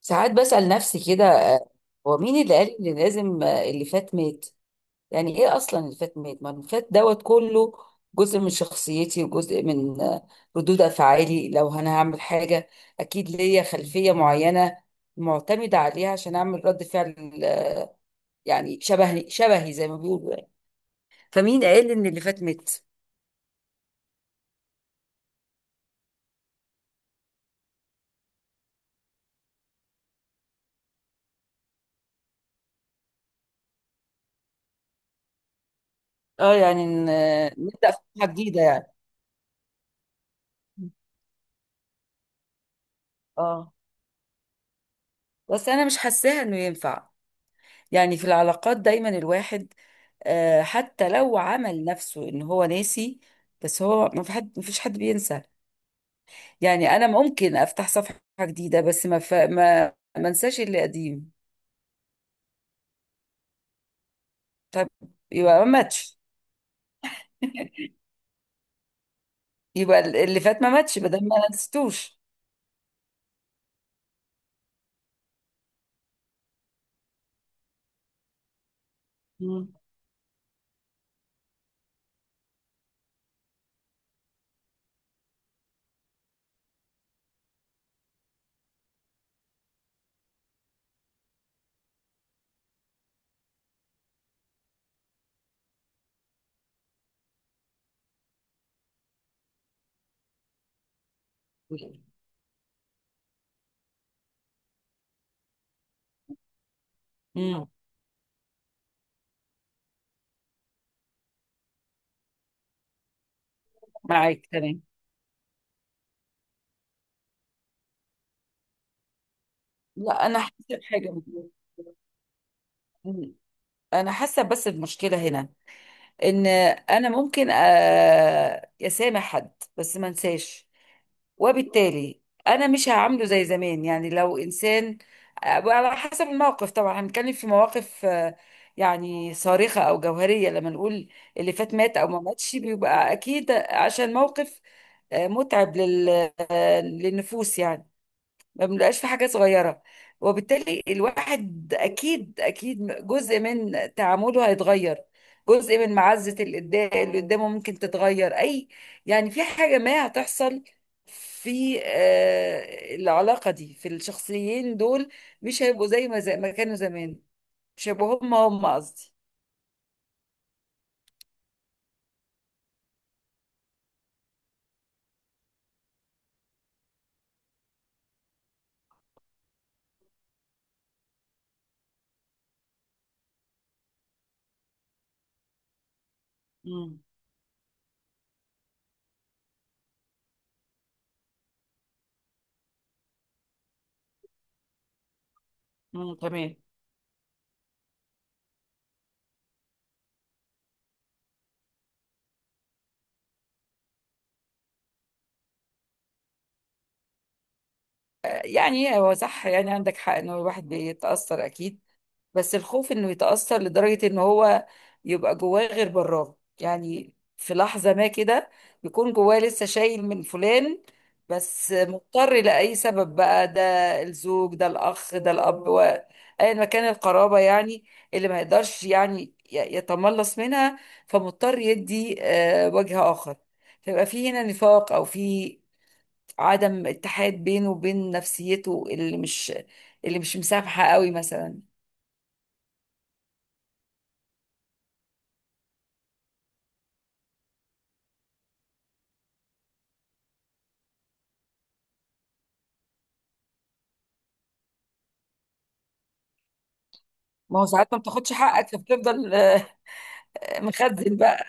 ساعات بسأل نفسي كده هو مين اللي قال اللي لازم اللي فات مات؟ يعني ايه اصلا اللي فات مات؟ ما اللي فات دوت كله جزء من شخصيتي وجزء من ردود افعالي. لو انا هعمل حاجة اكيد ليا خلفية معينة معتمدة عليها عشان اعمل رد فعل يعني شبهي شبهي زي ما بيقولوا يعني. فمين قال ان اللي فات مات؟ اه، يعني إن، نبدأ في حاجة جديدة يعني. اه، بس انا مش حاساها انه ينفع. يعني في العلاقات دايما الواحد حتى لو عمل نفسه ان هو ناسي، بس هو ما فيش حد بينسى. يعني انا ممكن افتح صفحة جديدة بس ما ف... ما ما انساش اللي قديم. طب يبقى ما ماتش. يبقى اللي فات ما ماتش بدل ما نسيتوش. مم. مم. معاك تمام. لا انا حاسه بحاجه. مم. انا حاسه بس المشكله هنا ان انا ممكن اسامح حد بس ما انساش. وبالتالي انا مش هعامله زي زمان، يعني لو انسان على حسب الموقف طبعا. هنتكلم في مواقف يعني صارخة او جوهرية لما نقول اللي فات مات او ما ماتش بيبقى اكيد عشان موقف متعب للنفوس يعني، ما بنبقاش في حاجة صغيرة. وبالتالي الواحد أكيد أكيد جزء من تعامله هيتغير، جزء من معزة اللي قدامه ممكن تتغير أي يعني، في حاجة ما هتحصل في العلاقة دي، في الشخصيين دول مش هيبقوا زي ما كانوا زمان. مش هيبقوا هم هم قصدي. امم. امم، تمام. يعني هو صح، يعني عندك حق إنه الواحد بيتأثر أكيد، بس الخوف انه يتأثر لدرجة ان هو يبقى جواه غير براه. يعني في لحظة ما كده يكون جواه لسه شايل من فلان، بس مضطر لأي سبب بقى، ده الزوج ده الأخ ده الأب أيا ما كان القرابة يعني، اللي ما يقدرش يعني يتملص منها، فمضطر يدي وجه آخر. فيبقى في هنا نفاق أو في عدم اتحاد بينه وبين نفسيته اللي مش مسامحة قوي مثلا. ما هو ساعات ما بتاخدش حقك فبتفضل مخزن بقى.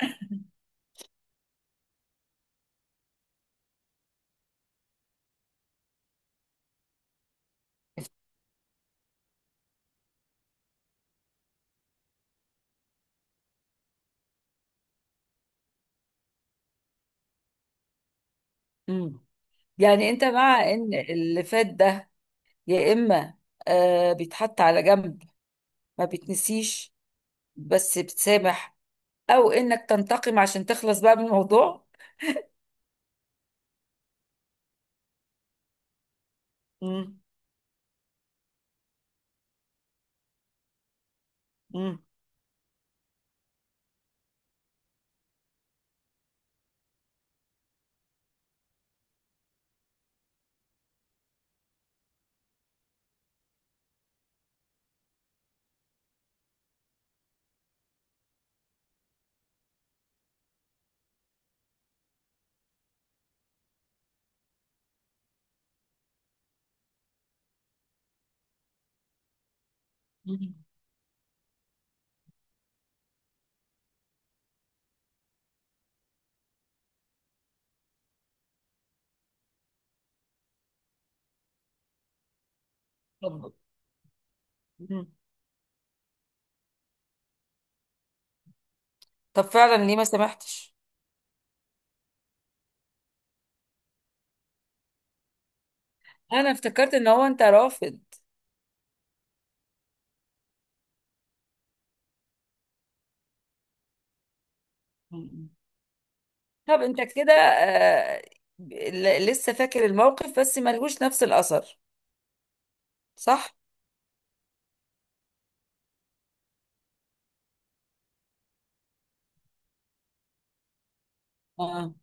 مم. يعني انت مع ان اللي فات ده، يا اما آه بيتحط على جنب، ما بيتنسيش بس بتسامح، او انك تنتقم عشان تخلص بقى من الموضوع. مم. مم. مم. طب. مم. طب فعلا ليه ما سامحتش؟ انا افتكرت ان هو انت رافض. مم. طب انت كده آه، لسه فاكر الموقف بس ملهوش نفس الاثر؟ صح. اه.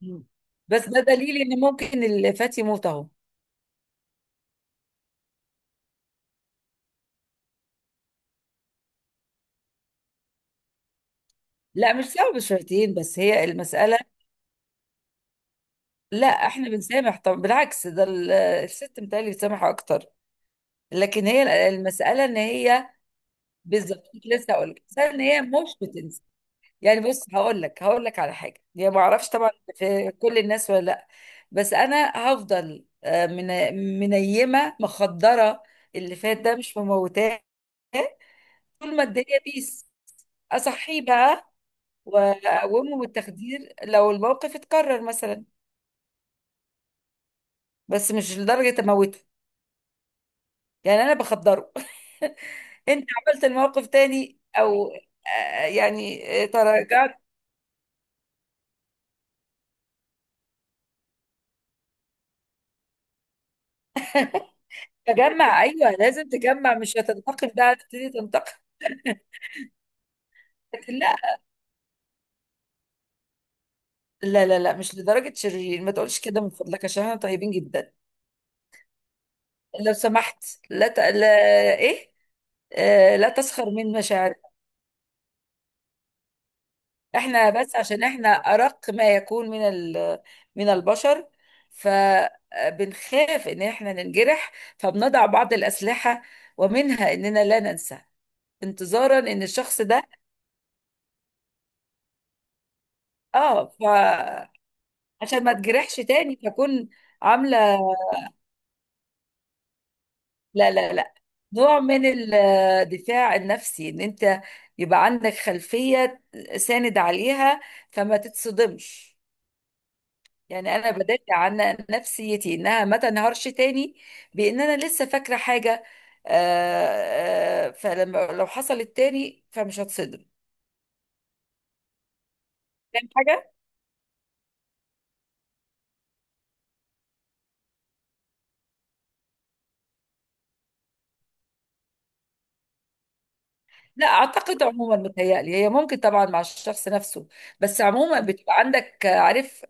مم. بس ده دليل ان ممكن الفتى يموت اهو. لا، مش صعب شويتين، بس هي المسألة. لا احنا بنسامح، طب بالعكس ده الست متهيألي بتسامح اكتر. لكن هي المسألة ان هي، بالظبط كنت لسه هقول لك، المسألة ان هي مش بتنسى. يعني بص، هقول لك على حاجة، يعني ما اعرفش طبعا في كل الناس ولا لا، بس انا هفضل من منيمة مخدرة. اللي فات ده مش مموتاه، طول ما الدنيا بيس، اصحيه بقى واقومه بالتخدير لو الموقف اتكرر مثلا، بس مش لدرجه اموته، يعني انا بخدره. انت عملت الموقف تاني، او تراجعت. تجمع، ايوه لازم تجمع، مش هتنتقم، ده هتبتدي تنتقم. لكن لا، لا لا لا مش لدرجه شرير، ما تقولش كده من فضلك، عشان احنا طيبين جدا. لو سمحت. لا، ايه. لا تسخر من مشاعرك. احنا بس عشان احنا ارق ما يكون من من البشر، فبنخاف ان احنا ننجرح، فبنضع بعض الاسلحه ومنها اننا لا ننسى انتظارا ان الشخص ده، اه، فعشان ما تجرحش تاني فكون عامله، لا لا لا، نوع من الدفاع النفسي، ان انت يبقى عندك خلفيه ساند عليها فما تتصدمش. يعني انا بدافع عن نفسيتي انها ما تنهارش تاني، بان انا لسه فاكره حاجه، فلما لو حصلت تاني فمش هتصدم. فاهم حاجه؟ لا، اعتقد عموما متهيألي هي، ممكن طبعا مع الشخص نفسه، بس عموما بتبقى عندك عارف،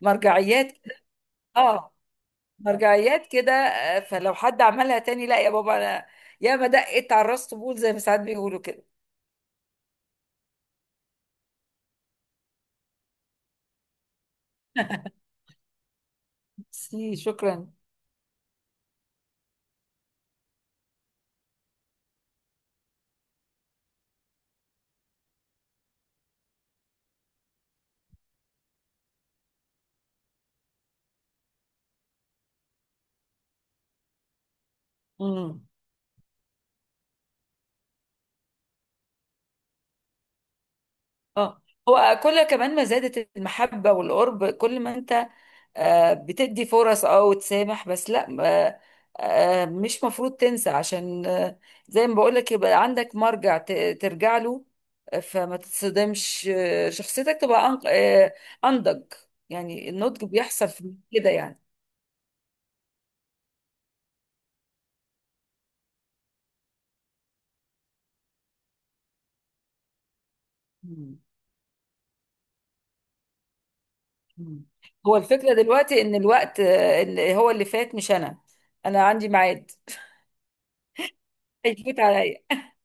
مرجعيات. اه، مرجعيات كده فلو حد عملها تاني، لا يا بابا، انا يا ما دقت على الراس طبول زي ما ساعات بيقولوا كده. ميرسي، شكرا. مم. اه. هو كل كمان ما زادت المحبة والقرب، كل ما انت بتدي فرص، اه، وتسامح، بس لا ما- مش مفروض تنسى، عشان زي ما بقولك يبقى عندك مرجع ترجع له، فما تتصدمش، شخصيتك تبقى أنضج. يعني النضج بيحصل في كده يعني. مم. مم. هو الفكرة دلوقتي ان الوقت اللي هو اللي فات مش انا، انا عندي ميعاد هيفوت عليا.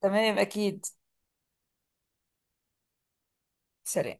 تمام اكيد. سلام.